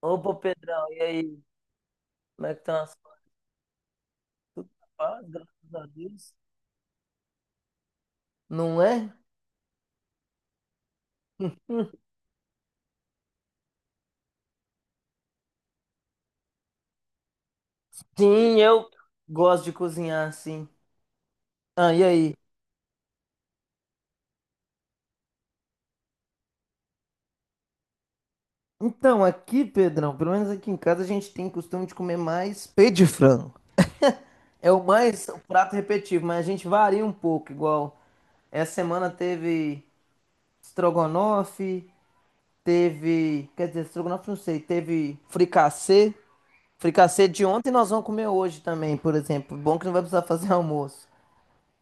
Opa, Pedrão, e aí? Como é que estão as coisas? Tudo na paz, graças a Deus. Não é? Sim, eu gosto de cozinhar assim. Ah, e aí? Então, aqui, Pedrão, pelo menos aqui em casa a gente tem costume de comer mais peito de frango. É o mais o prato repetitivo, mas a gente varia um pouco, igual essa semana teve estrogonofe, teve, quer dizer, estrogonofe não sei, teve fricassê. Fricassê de ontem nós vamos comer hoje também, por exemplo. Bom que não vai precisar fazer almoço.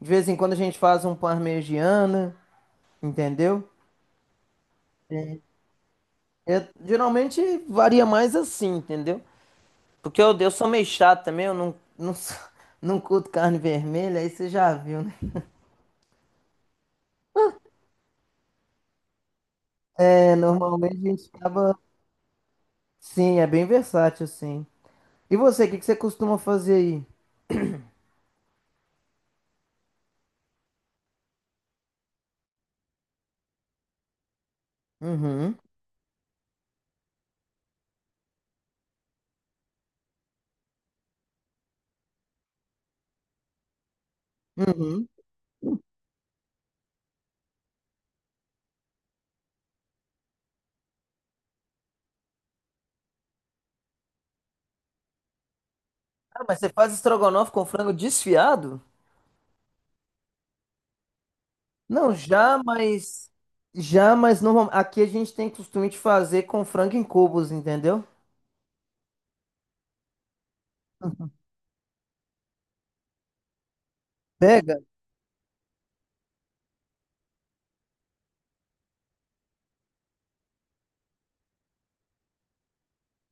De vez em quando a gente faz um parmegiana, entendeu? Eu, geralmente varia mais assim, entendeu? Porque eu sou meio chato também, eu não, não, sou- não curto carne vermelha, aí você já viu, né? É, normalmente a gente acaba. Sim, é bem versátil, sim. E você, o que que você costuma fazer aí? Uhum, uhum. Ah, mas você faz estrogonofe com frango desfiado? Não, já, mas. Já, mas normal, aqui a gente tem costume de fazer com frango em cubos, entendeu? Pega?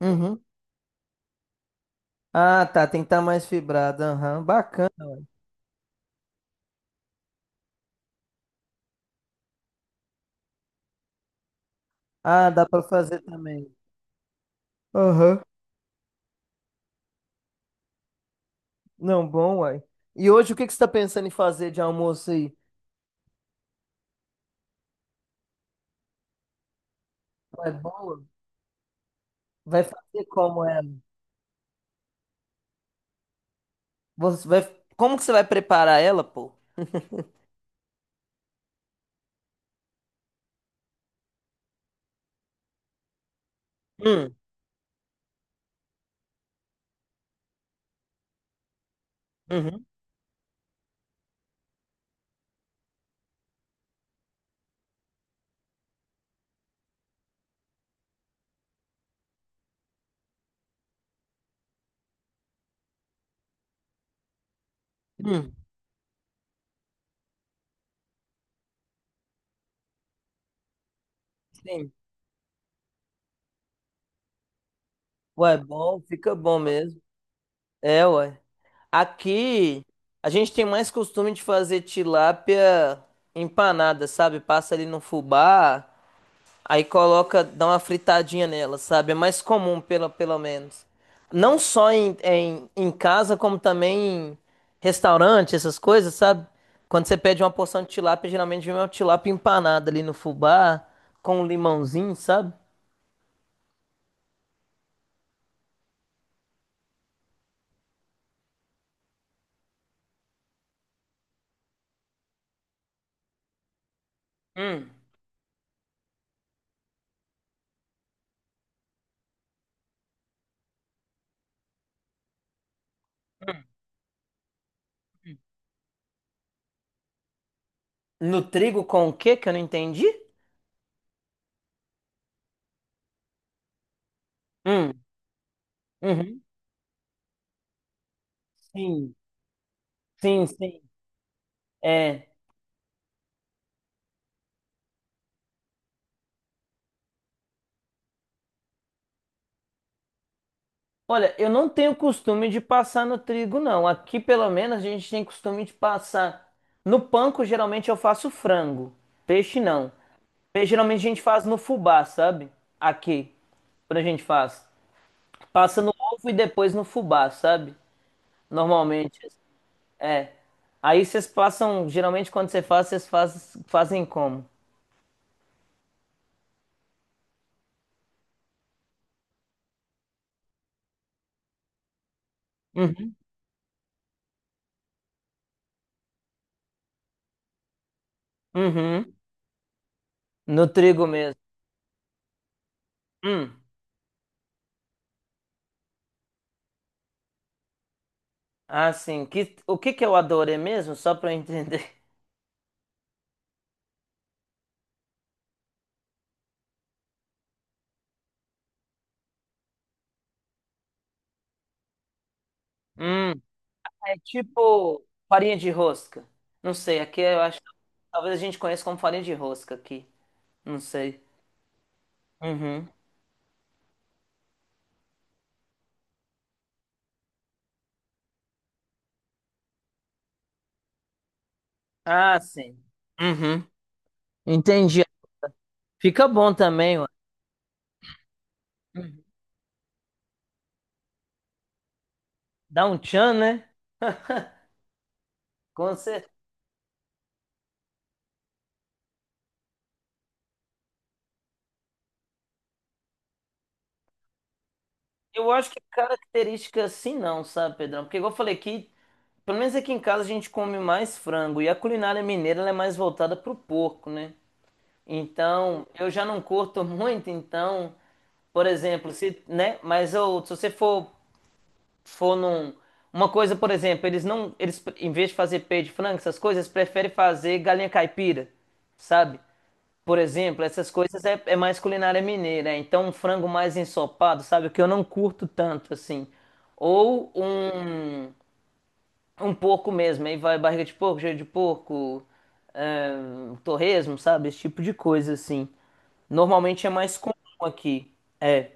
Uhum. Ah, tá, tem que estar mais fibrado. Aham, bacana. Ué. Ah, dá pra fazer também. Aham. Não, bom, uai. E hoje o que que você tá pensando em fazer de almoço aí? É boa? Vai fazer como ela? Você vai. Como que você vai preparar ela, pô? Hum, uhum, hum, sim. Ué, bom, fica bom mesmo. É, ué. Aqui a gente tem mais costume de fazer tilápia empanada, sabe? Passa ali no fubá, aí coloca, dá uma fritadinha nela, sabe? É mais comum, pelo, pelo menos. Não só em casa, como também em restaurante, essas coisas, sabe? Quando você pede uma porção de tilápia, geralmente vem uma tilápia empanada ali no fubá, com um limãozinho, sabe? Hum, hum. No trigo com o quê que eu não entendi? Hum, uhum. Sim, sim, sim. É. Olha, eu não tenho costume de passar no trigo, não. Aqui, pelo menos, a gente tem costume de passar. No panko, geralmente eu faço frango. Peixe, não. Peixe, geralmente a gente faz no fubá, sabe? Aqui, quando a gente faz. Passa no ovo e depois no fubá, sabe? Normalmente, é. Aí vocês passam, geralmente quando você faz, fazem como? Uhum. Uhum. No trigo mesmo. Hum. Ah, sim. Que, o que que é o adorê mesmo? Só pra eu entender. Hum. É tipo farinha de rosca. Não sei, aqui eu acho que talvez a gente conheça como farinha de rosca aqui. Não sei. Uhum. Ah, sim. Uhum. Entendi. Fica bom também, ué. Uhum. Dá um tchan, né? Com certeza. Eu acho que característica assim não, sabe, Pedrão? Porque igual eu falei aqui, pelo menos aqui em casa a gente come mais frango. E a culinária mineira ela é mais voltada pro porco, né? Então, eu já não curto muito, então, por exemplo, se, né? Mas eu, se você for num. Uma coisa, por exemplo, eles não. Eles, em vez de fazer peito de frango, essas coisas, eles preferem fazer galinha caipira, sabe? Por exemplo, essas coisas é, é mais culinária mineira. É, então, um frango mais ensopado, sabe? O que eu não curto tanto, assim. Ou um porco mesmo. Aí vai barriga de porco, joelho de porco, torresmo, sabe? Esse tipo de coisa, assim. Normalmente é mais comum aqui. É.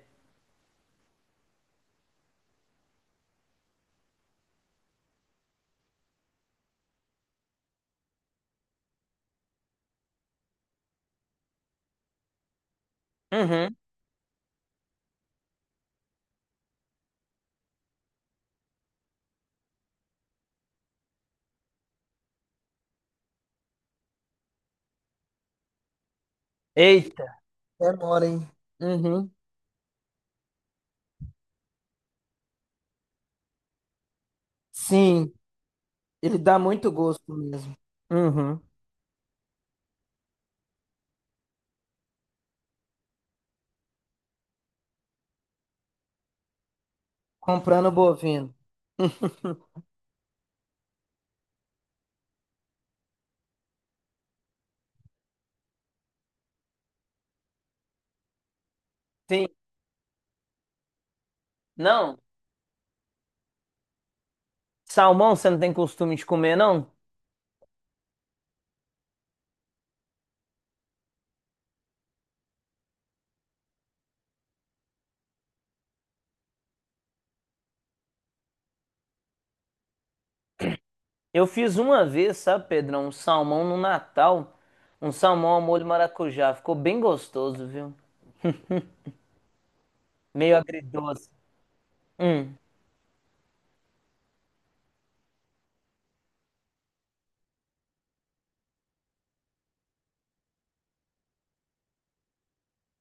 Uhum. Eita. Demora, hein? Uhum. Sim. Ele dá muito gosto mesmo. Uhum. Comprando bovino. Sim. Não, salmão você não tem costume de comer, não? Eu fiz uma vez, sabe, Pedrão? Um salmão no Natal. Um salmão ao molho maracujá. Ficou bem gostoso, viu? Meio agridoce. Hum.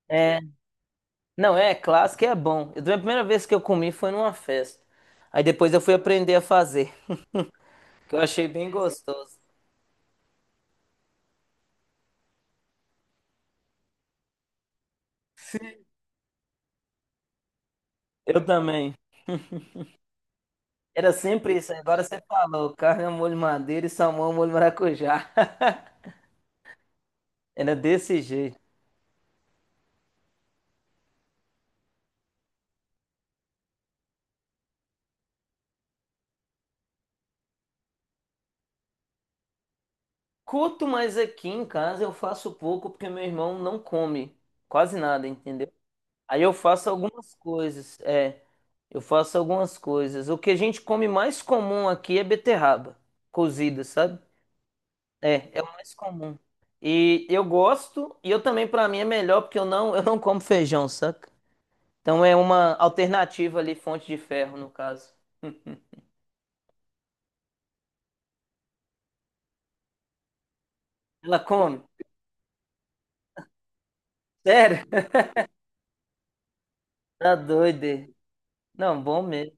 É. Não, é clássico e é bom. Eu, a primeira vez que eu comi foi numa festa. Aí depois eu fui aprender a fazer, que eu achei bem gostoso. Sim. Eu também. Era sempre isso, agora você falou, carne ao molho madeira e salmão ao molho maracujá. Era desse jeito. Curto, mas aqui em casa eu faço pouco porque meu irmão não come quase nada, entendeu? Aí eu faço algumas coisas, é, eu faço algumas coisas. O que a gente come mais comum aqui é beterraba cozida, sabe? É, é o mais comum. E eu gosto, e eu também pra mim é melhor porque eu não como feijão, saca? Então é uma alternativa ali, fonte de ferro no caso. Ela come? Sério? Tá doido. É. Não, bom mesmo.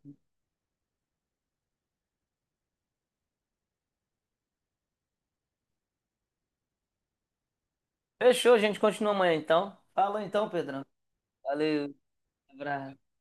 Fechou, a gente continua amanhã então. Falou então, Pedrão. Valeu, abraço.